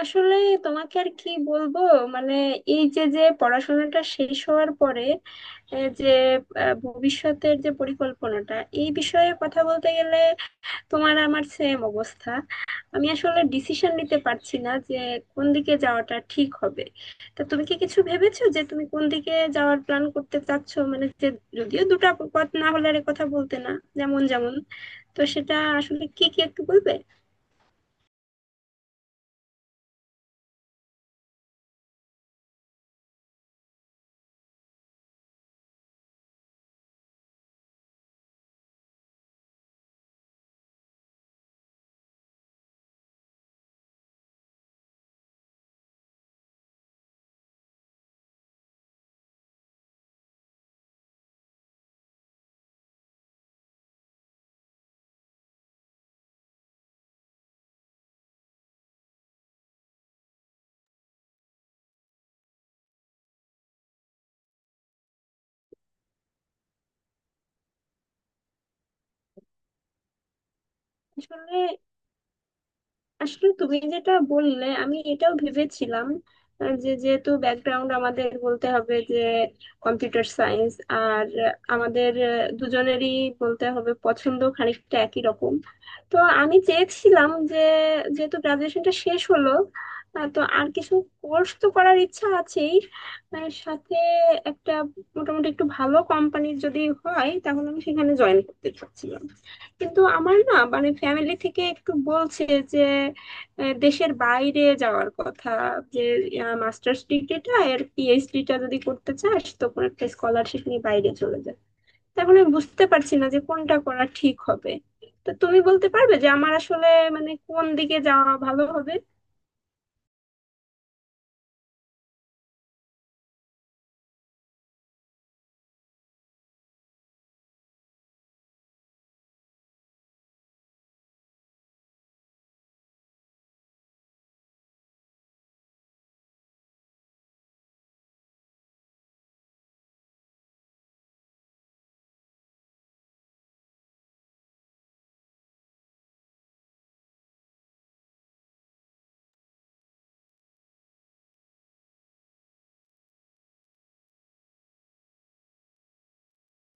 আসলে তোমাকে আর কি বলবো? মানে এই যে যে পড়াশোনাটা শেষ হওয়ার পরে এ যে ভবিষ্যতের যে পরিকল্পনাটা, এই বিষয়ে কথা বলতে গেলে তোমার আমার সেম অবস্থা। আমি আসলে ডিসিশন নিতে পারছি না যে কোন দিকে যাওয়াটা ঠিক হবে। তা তুমি কি কিছু ভেবেছো যে তুমি কোন দিকে যাওয়ার প্ল্যান করতে চাচ্ছো? মানে যে যদিও দুটো পথ না হলে আর এ কথা বলতে না। যেমন যেমন তো সেটা আসলে কি কি একটু বলবে? আসলে আসলে তুমি যেটা বললে আমি এটাও ভেবেছিলাম। যে যেহেতু ব্যাকগ্রাউন্ড আমাদের বলতে হবে যে কম্পিউটার সায়েন্স, আর আমাদের দুজনেরই বলতে হবে পছন্দ খানিকটা একই রকম। তো আমি চেয়েছিলাম যে যেহেতু গ্রাজুয়েশনটা শেষ হলো, তো আর কিছু কোর্স তো করার ইচ্ছা আছেই। সাথে একটা মোটামুটি একটু ভালো কোম্পানির যদি হয় তাহলে আমি সেখানে জয়েন করতে চাচ্ছিলাম। কিন্তু আমার না মানে ফ্যামিলি থেকে একটু বলছে যে দেশের বাইরে যাওয়ার কথা, যে মাস্টার্স ডিগ্রিটা আর পিএইচডিটা যদি করতে চাস তো কোনো একটা স্কলারশিপ নিয়ে বাইরে চলে যা। তো এখন আমি বুঝতে পারছি না যে কোনটা করা ঠিক হবে। তো তুমি বলতে পারবে যে আমার আসলে মানে কোন দিকে যাওয়া ভালো হবে?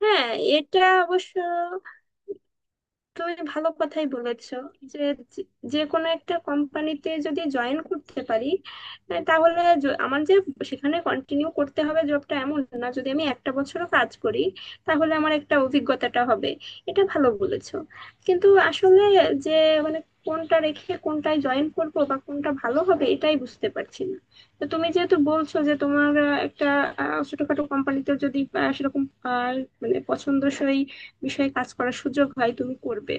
হ্যাঁ, এটা অবশ্য তুমি ভালো কথাই বলেছো। যে যে যে কোনো একটা কোম্পানিতে যদি জয়েন করতে পারি, তাহলে আমার যে সেখানে কন্টিনিউ করতে হবে জবটা এমন না। যদি আমি একটা বছর কাজ করি তাহলে আমার একটা অভিজ্ঞতাটা হবে। এটা ভালো বলেছো। কিন্তু আসলে যে মানে কোনটা রেখে কোনটায় জয়েন করব বা কোনটা ভালো হবে এটাই বুঝতে পারছি না। তো তুমি যেহেতু বলছো যে তোমার একটা ছোটখাটো কোম্পানিতে যদি সেরকম আহ, মানে পছন্দসই বিষয়ে কাজ করার সুযোগ হয় তুমি করবে,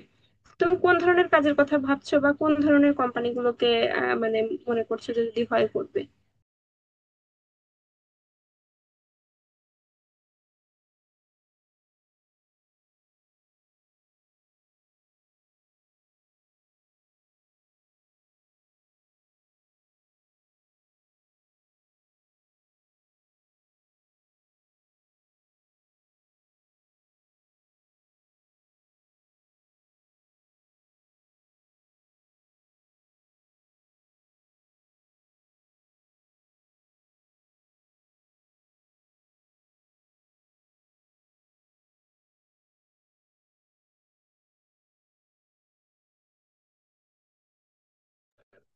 তুমি কোন ধরনের কাজের কথা ভাবছো বা কোন ধরনের কোম্পানিগুলোতে মানে মনে করছো যে যদি হয় করবে?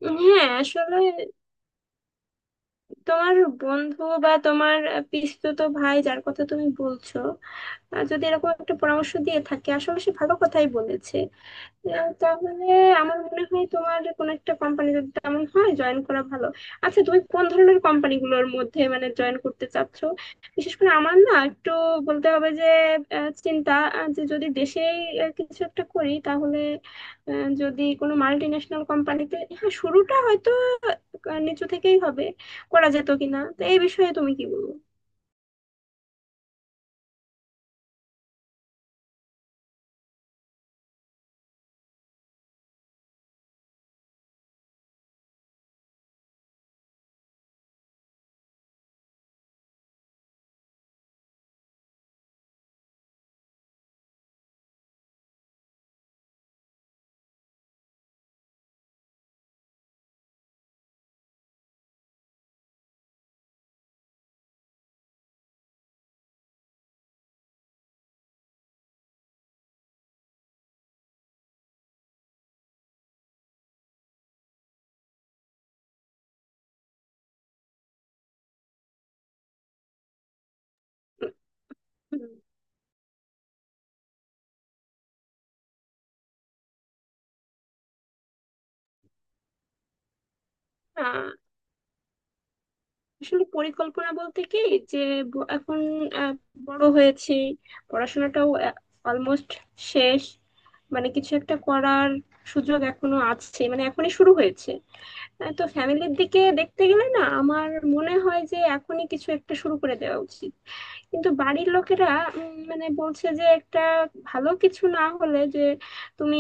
হ্যাঁ, আসলে তোমার বন্ধু বা তোমার পিসতুতো ভাই যার কথা তুমি বলছো, যদি এরকম একটা পরামর্শ দিয়ে থাকে আসলে সে ভালো কথাই বলেছে। তাহলে আমার মনে হয় তোমার কোনো একটা কোম্পানি যদি তেমন হয় জয়েন করা ভালো। আচ্ছা তুমি কোন ধরনের কোম্পানিগুলোর মধ্যে মানে জয়েন করতে চাচ্ছ? বিশেষ করে আমার না একটু বলতে হবে যে চিন্তা যে যদি দেশেই কিছু একটা করি, তাহলে যদি কোনো মাল্টি ন্যাশনাল কোম্পানিতে, হ্যাঁ, শুরুটা হয়তো নিচু থেকেই হবে, করা যেত কিনা? তো এই বিষয়ে তুমি কি বলবো? হুম। আসলে পরিকল্পনা বলতে কি, যে এখন আহ, বড় হয়েছি, পড়াশোনাটাও অলমোস্ট শেষ, মানে কিছু একটা করার সুযোগ এখনো আছে, মানে এখনই শুরু হয়েছে। তো ফ্যামিলির দিকে দেখতে গেলে না আমার মনে হয় যে এখনই কিছু একটা শুরু করে দেওয়া উচিত। কিন্তু বাড়ির লোকেরা মানে বলছে যে একটা ভালো কিছু না হলে যে তুমি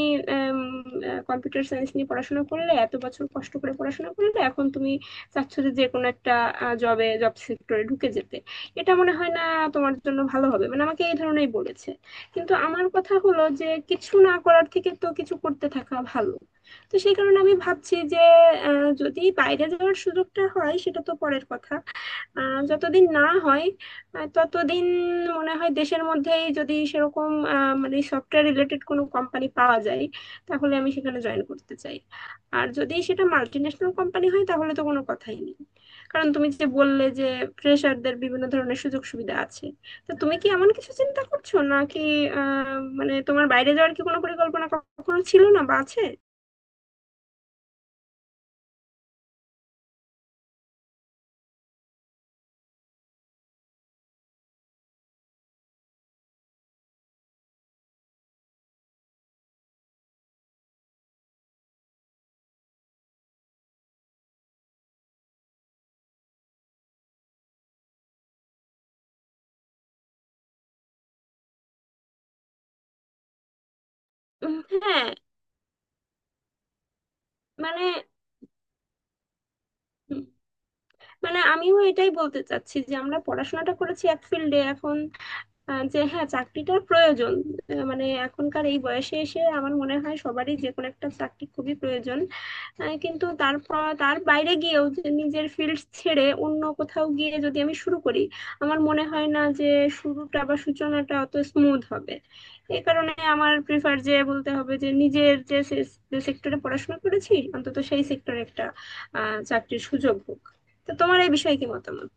কম্পিউটার সায়েন্স নিয়ে পড়াশোনা করলে এত বছর কষ্ট করে পড়াশোনা করলে, এখন তুমি চাচ্ছ যে যে কোনো একটা জবে, জব সেক্টরে ঢুকে যেতে, এটা মনে হয় না তোমার জন্য ভালো হবে। মানে আমাকে এই ধরনেরই বলেছে। কিন্তু আমার কথা হলো যে কিছু না করার থেকে তো কিছু করতে থাকা ভালো। তো সেই কারণে আমি ভাবছি যে যদি বাইরে যাওয়ার সুযোগটা হয় সেটা তো পরের কথা। আহ যতদিন না হয় ততদিন মনে হয় দেশের মধ্যেই যদি সেরকম মানে সফটওয়্যার রিলেটেড কোনো কোম্পানি পাওয়া যায় তাহলে আমি সেখানে জয়েন করতে চাই। আর যদি সেটা মাল্টিন্যাশনাল কোম্পানি হয় তাহলে তো কোনো কথাই নেই। কারণ তুমি যে বললে যে ফ্রেশারদের বিভিন্ন ধরনের সুযোগ সুবিধা আছে। তো তুমি কি এমন কিছু চিন্তা করছো নাকি? আহ মানে তোমার বাইরে যাওয়ার কি কোনো পরিকল্পনা কখনো ছিল না বা আছে? উম, হ্যাঁ। মানে মানে আমিও এটাই বলতে চাচ্ছি যে আমরা পড়াশোনাটা করেছি এক ফিল্ডে, এখন যে হ্যাঁ চাকরিটার প্রয়োজন। মানে এখনকার এই বয়সে এসে আমার মনে হয় সবারই যে কোনো একটা চাকরি খুবই প্রয়োজন। কিন্তু তারপর তার বাইরে গিয়েও যে নিজের ফিল্ড ছেড়ে অন্য কোথাও গিয়ে যদি আমি শুরু করি, আমার মনে হয় না যে শুরুটা বা সূচনাটা অত স্মুথ হবে। এই কারণে আমার প্রিফার যে বলতে হবে যে নিজের যে সেক্টরে পড়াশোনা করেছি অন্তত সেই সেক্টরে একটা আহ চাকরির সুযোগ হোক। তো তোমার এই বিষয়ে কি মতামত?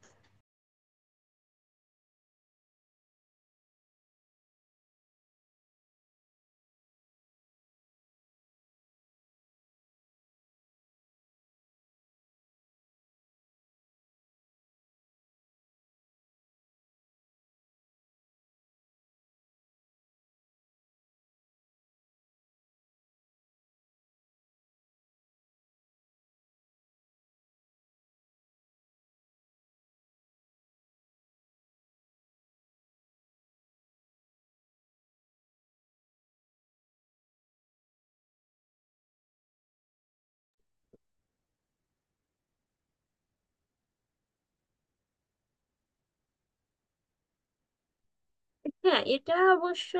হ্যাঁ, এটা অবশ্য।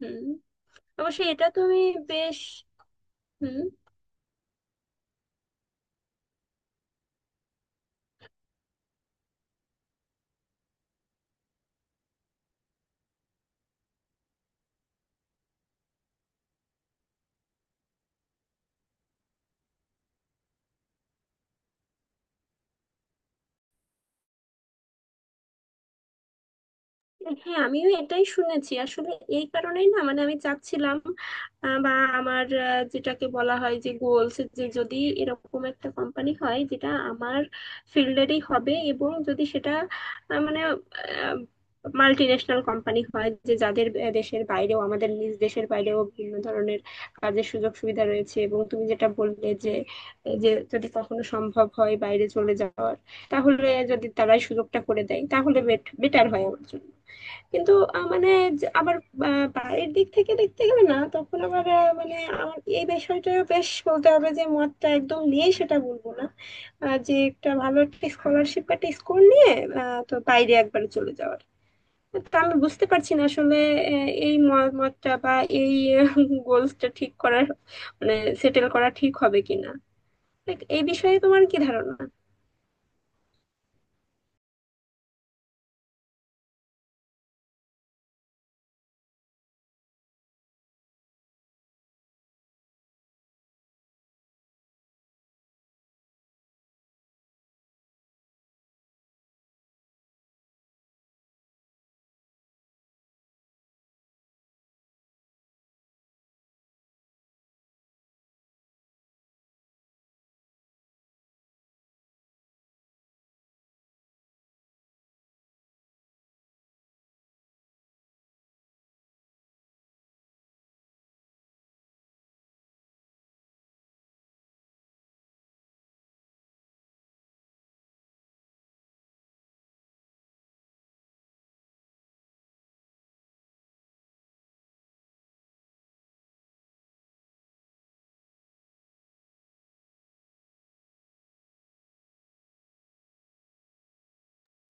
হুম। অবশ্যই। এটা তুমি বেশ। হুম। হ্যাঁ, আমিও এটাই শুনেছি আসলে। এই কারণেই না মানে আমি চাচ্ছিলাম বা আমার যেটাকে বলা হয় যে গোলস, যে যদি এরকম একটা কোম্পানি হয় যেটা আমার ফিল্ডেরই হবে এবং যদি সেটা মানে মাল্টি ন্যাশনাল কোম্পানি হয় যে যাদের দেশের বাইরেও, আমাদের নিজ দেশের বাইরেও বিভিন্ন ধরনের কাজের সুযোগ সুবিধা রয়েছে। এবং তুমি যেটা বললে যে যে যদি কখনো সম্ভব হয় বাইরে চলে যাওয়ার, তাহলে যদি তারাই সুযোগটা করে দেয় তাহলে বেটার হয় আমার জন্য। কিন্তু মানে যে আবার বাড়ির দিক থেকে দেখতে গেলে না, তখন আবার মানে আমার এই বিষয়টা বেশ বলতে হবে যে মতটা একদম নেই সেটা বলবো না। যে একটা ভালো একটা স্কলারশিপ, একটা স্কোর নিয়ে তো বাইরে একবার চলে যাওয়ার, তা আমি বুঝতে পারছি না আসলে এই মতটা বা এই গোলসটা ঠিক করার মানে সেটেল করা ঠিক হবে কিনা। Like, এই বিষয়ে তোমার কি ধারণা?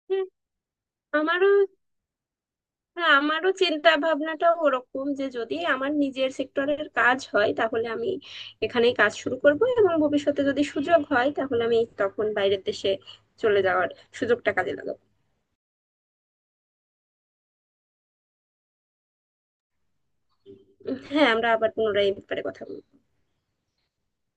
হুম, আমারও। হ্যাঁ, আমারও চিন্তা ভাবনাটাও ওরকম যে যদি আমার নিজের সেক্টরের কাজ হয় তাহলে আমি এখানেই কাজ শুরু করব এবং ভবিষ্যতে যদি সুযোগ হয় তাহলে আমি তখন বাইরের দেশে চলে যাওয়ার সুযোগটা কাজে লাগাবো। হ্যাঁ, আমরা আবার পুনরায় এই ব্যাপারে কথা বলবো।